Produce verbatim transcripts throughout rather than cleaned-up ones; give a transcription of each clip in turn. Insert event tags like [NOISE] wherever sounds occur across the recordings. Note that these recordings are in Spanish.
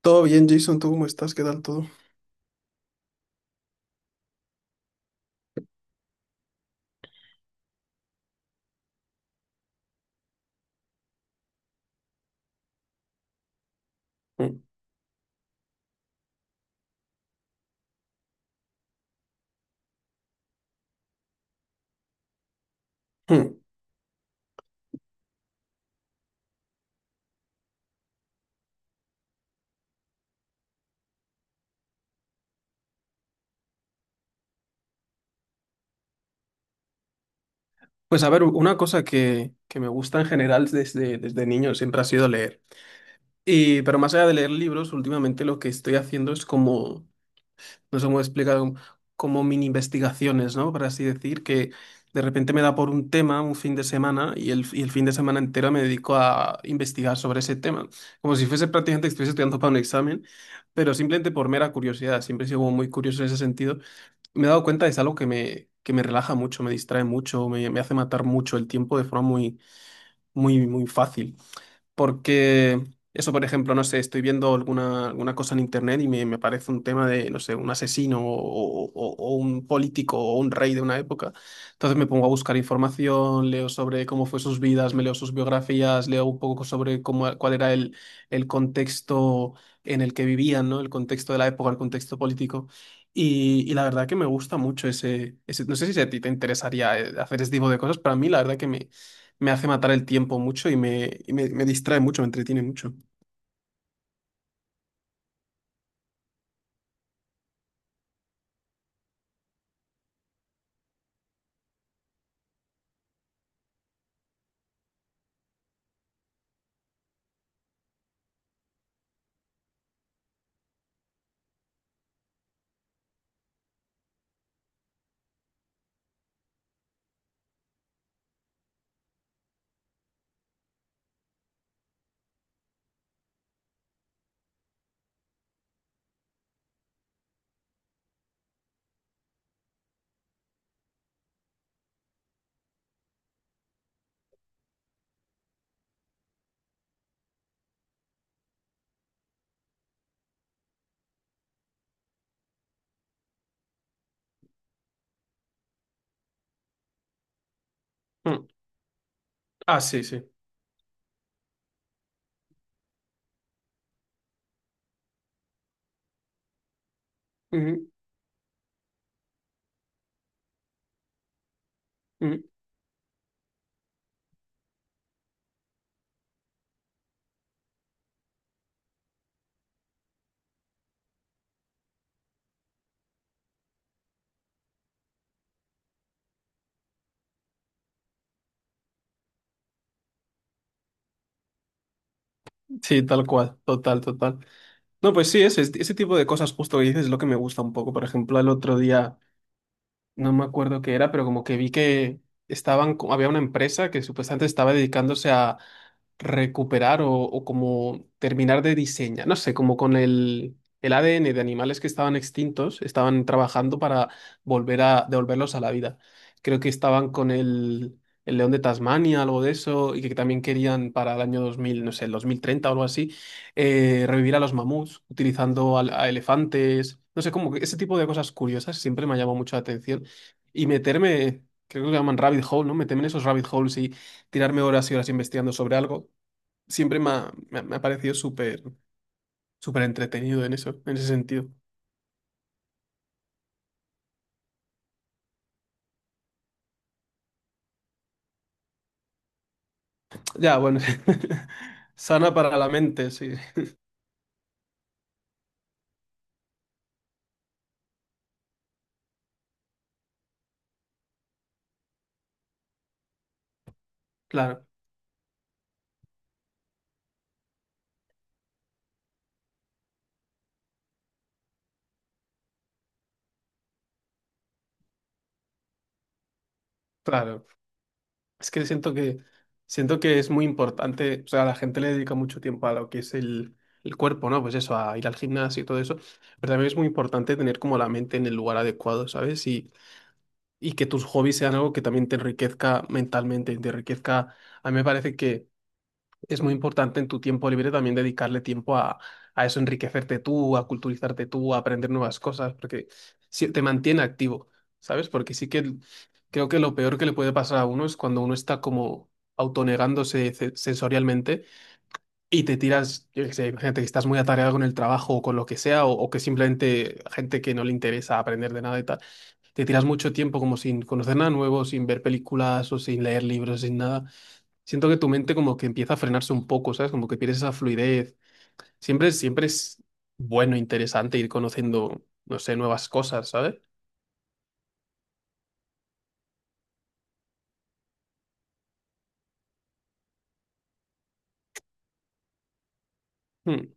Todo bien, Jason, ¿tú cómo estás? ¿Qué tal todo? Ujú. Pues a ver, una cosa que, que me gusta en general desde, desde niño siempre ha sido leer. Y, pero más allá de leer libros, últimamente lo que estoy haciendo es como, no sé cómo explicar, como mini investigaciones, ¿no? Por así decir, que de repente me da por un tema un fin de semana y el, y el fin de semana entero me dedico a investigar sobre ese tema. Como si fuese prácticamente que estuviese estudiando para un examen, pero simplemente por mera curiosidad. Siempre he sido como muy curioso en ese sentido. Me he dado cuenta, es algo que me, que me relaja mucho, me distrae mucho, me, me hace matar mucho el tiempo de forma muy, muy, muy fácil. Porque eso, por ejemplo, no sé, estoy viendo alguna, alguna cosa en internet y me, me parece un tema de, no sé, un asesino o, o- o- o un político o un rey de una época. Entonces me pongo a buscar información, leo sobre cómo fue sus vidas, me leo sus biografías, leo un poco sobre cómo, cuál era el, el contexto en el que vivían, ¿no? El contexto de la época, el contexto político. Y, y la verdad que me gusta mucho ese, ese, no sé si a ti te interesaría eh, hacer ese tipo de cosas, pero a mí la verdad que me, me hace matar el tiempo mucho y me, y me, me distrae mucho, me entretiene mucho. Mm. Ah, sí, sí. Ujú, ujú. Sí, tal cual, total, total. No, pues sí, ese, ese tipo de cosas justo que dices es lo que me gusta un poco. Por ejemplo, el otro día, no me acuerdo qué era, pero como que vi que estaban, co- había una empresa que supuestamente estaba dedicándose a recuperar o, o como terminar de diseñar, no sé, como con el, el A D N de animales que estaban extintos, estaban trabajando para volver a devolverlos a la vida. Creo que estaban con el, el león de Tasmania, algo de eso, y que también querían para el año dos mil, no sé, el dos mil treinta o algo así, eh, revivir a los mamuts utilizando al- a, elefantes. No sé, como que ese tipo de cosas curiosas siempre me ha llamado mucho la atención y meterme, creo que lo llaman rabbit hole, ¿no? Meterme en esos rabbit holes y tirarme horas y horas investigando sobre algo, siempre me ha, me ha- me ha parecido súper, súper entretenido en eso, en ese sentido. Ya, bueno, [LAUGHS] sana para la mente, sí, claro, claro. Es que siento que, siento que es muy importante, o sea, la gente le dedica mucho tiempo a lo que es el, el cuerpo, ¿no? Pues eso, a ir al gimnasio y todo eso, pero también es muy importante tener como la mente en el lugar adecuado, ¿sabes? Y y que tus hobbies sean algo que también te enriquezca mentalmente, te enriquezca. A mí me parece que es muy importante en tu tiempo libre también dedicarle tiempo a, a eso, enriquecerte tú, a culturizarte tú, a aprender nuevas cosas, porque sí- te mantiene activo, ¿sabes? Porque sí que el- creo que lo peor que le puede pasar a uno es cuando uno está como autonegándose ce- sensorialmente y te tiras, yo qué sé, imagínate que estás muy atareado con el trabajo o con lo que sea, o, o que simplemente gente que no le interesa aprender de nada y tal te tiras mucho tiempo como sin conocer nada nuevo, sin ver películas o sin leer libros, sin nada. Siento que tu mente como que empieza a frenarse un poco, ¿sabes? Como que pierdes esa fluidez. Siempre, siempre es bueno, interesante ir conociendo, no sé, nuevas cosas, ¿sabes? Mm.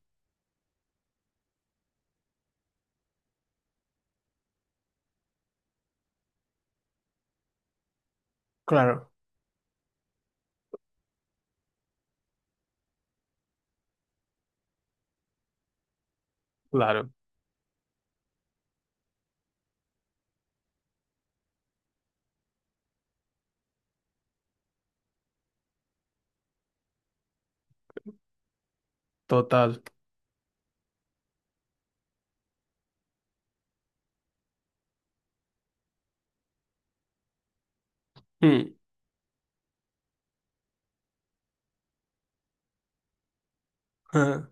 Claro. Claro, total. Mm, ah,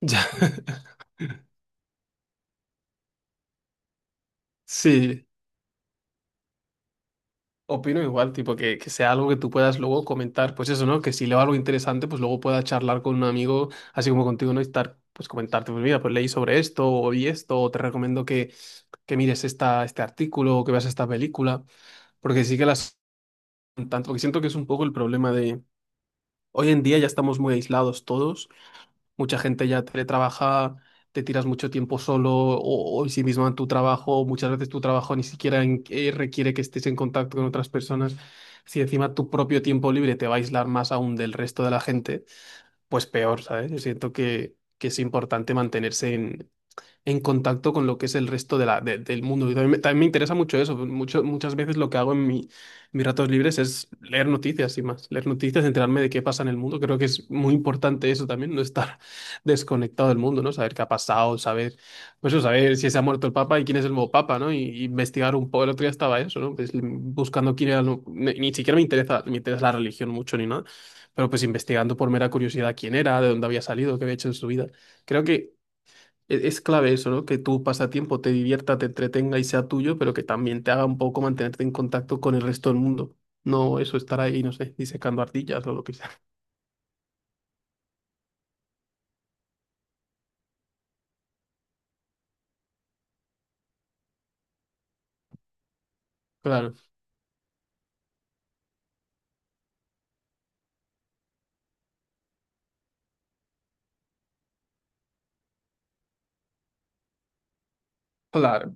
[LAUGHS] ya. [LAUGHS] Sí, opino igual, tipo, que, que sea algo que tú puedas luego comentar, pues eso, ¿no? Que si leo algo interesante, pues luego pueda charlar con un amigo, así como contigo, ¿no? Y estar, pues comentarte, pues mira, pues leí sobre esto, o vi esto, o te recomiendo que, que mires esta, este artículo, o que veas esta película, porque sí que las... Tanto que siento que es un poco el problema de... Hoy en día ya estamos muy aislados todos. Mucha gente ya teletrabaja, te tiras mucho tiempo solo o, o sí mismo en tu trabajo. Muchas veces tu trabajo ni siquiera en- eh, requiere que estés en contacto con otras personas. Si encima tu propio tiempo libre te va a aislar más aún del resto de la gente, pues peor, ¿sabes? Yo siento que, que es importante mantenerse en contacto con lo que es el resto de la, de- del mundo. Y también, me también me interesa mucho eso. Mucho, muchas veces lo que hago en mi, mis ratos libres es leer noticias y más. Leer noticias, enterarme de qué pasa en el mundo. Creo que es muy importante eso también, no estar [LAUGHS] desconectado del mundo, ¿no? Saber qué ha pasado, saber, pues eso, saber si se ha muerto el Papa y quién es el nuevo Papa, ¿no? Y, investigar un poco. El otro día estaba eso, ¿no? Pues, mm, buscando quién era... el nu- Ni, ni siquiera me interesa, me interesa la religión mucho ni nada, pero pues investigando por mera curiosidad quién era, de dónde había salido, qué había hecho en su vida. Creo que e- es clave eso, ¿no? Que tu pasatiempo te divierta, te entretenga y sea tuyo, pero que también te haga un poco mantenerte en contacto con el resto del mundo. No eso estar ahí, no sé, disecando ardillas o lo que sea. [LAUGHS] Claro, claro.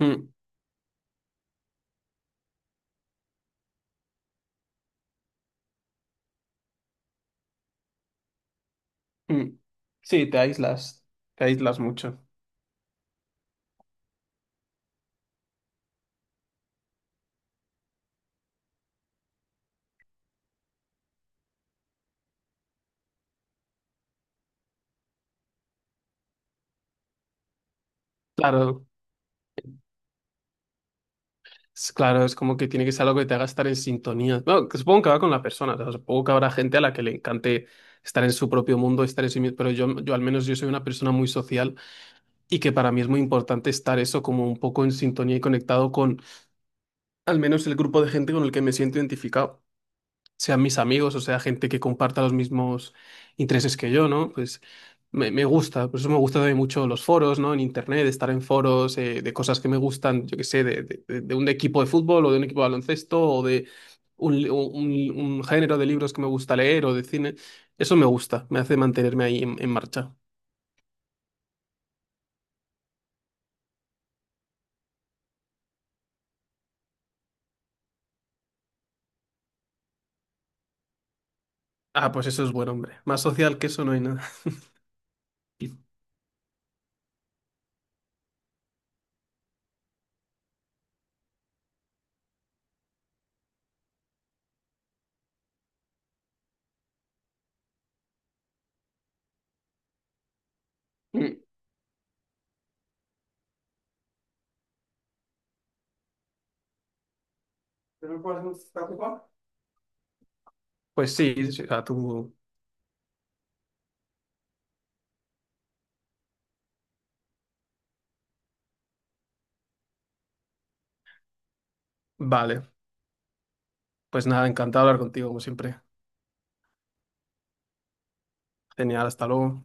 Mm, mm. Sí, te aíslas, te aíslas mucho. Claro, es, claro, es como que tiene que ser algo que te haga estar en sintonía. Bueno, que supongo que va con la persona, o sea, supongo que habrá gente a la que le encante estar en su propio mundo, estar en sí mismo, pero yo, yo al menos yo soy una persona muy social y que para mí es muy importante estar eso como un poco en sintonía y conectado con al menos el grupo de gente con el que me siento identificado, sean mis amigos o sea gente que comparta los mismos intereses que yo, ¿no? Pues me, me gusta, por eso me gustan también mucho los foros, ¿no? En internet, estar en foros eh, de cosas que me gustan, yo qué sé, de, de- de- de un equipo de fútbol o de un equipo de baloncesto o de un, li- un- un género de libros que me gusta leer o de cine. Eso me gusta, me hace mantenerme ahí en, en marcha. Ah, pues eso es bueno, hombre. Más social que eso no hay nada. Mm. Pues sí, sí, o tú... Vale. Pues nada, encantado de hablar contigo, como siempre. Genial, hasta luego.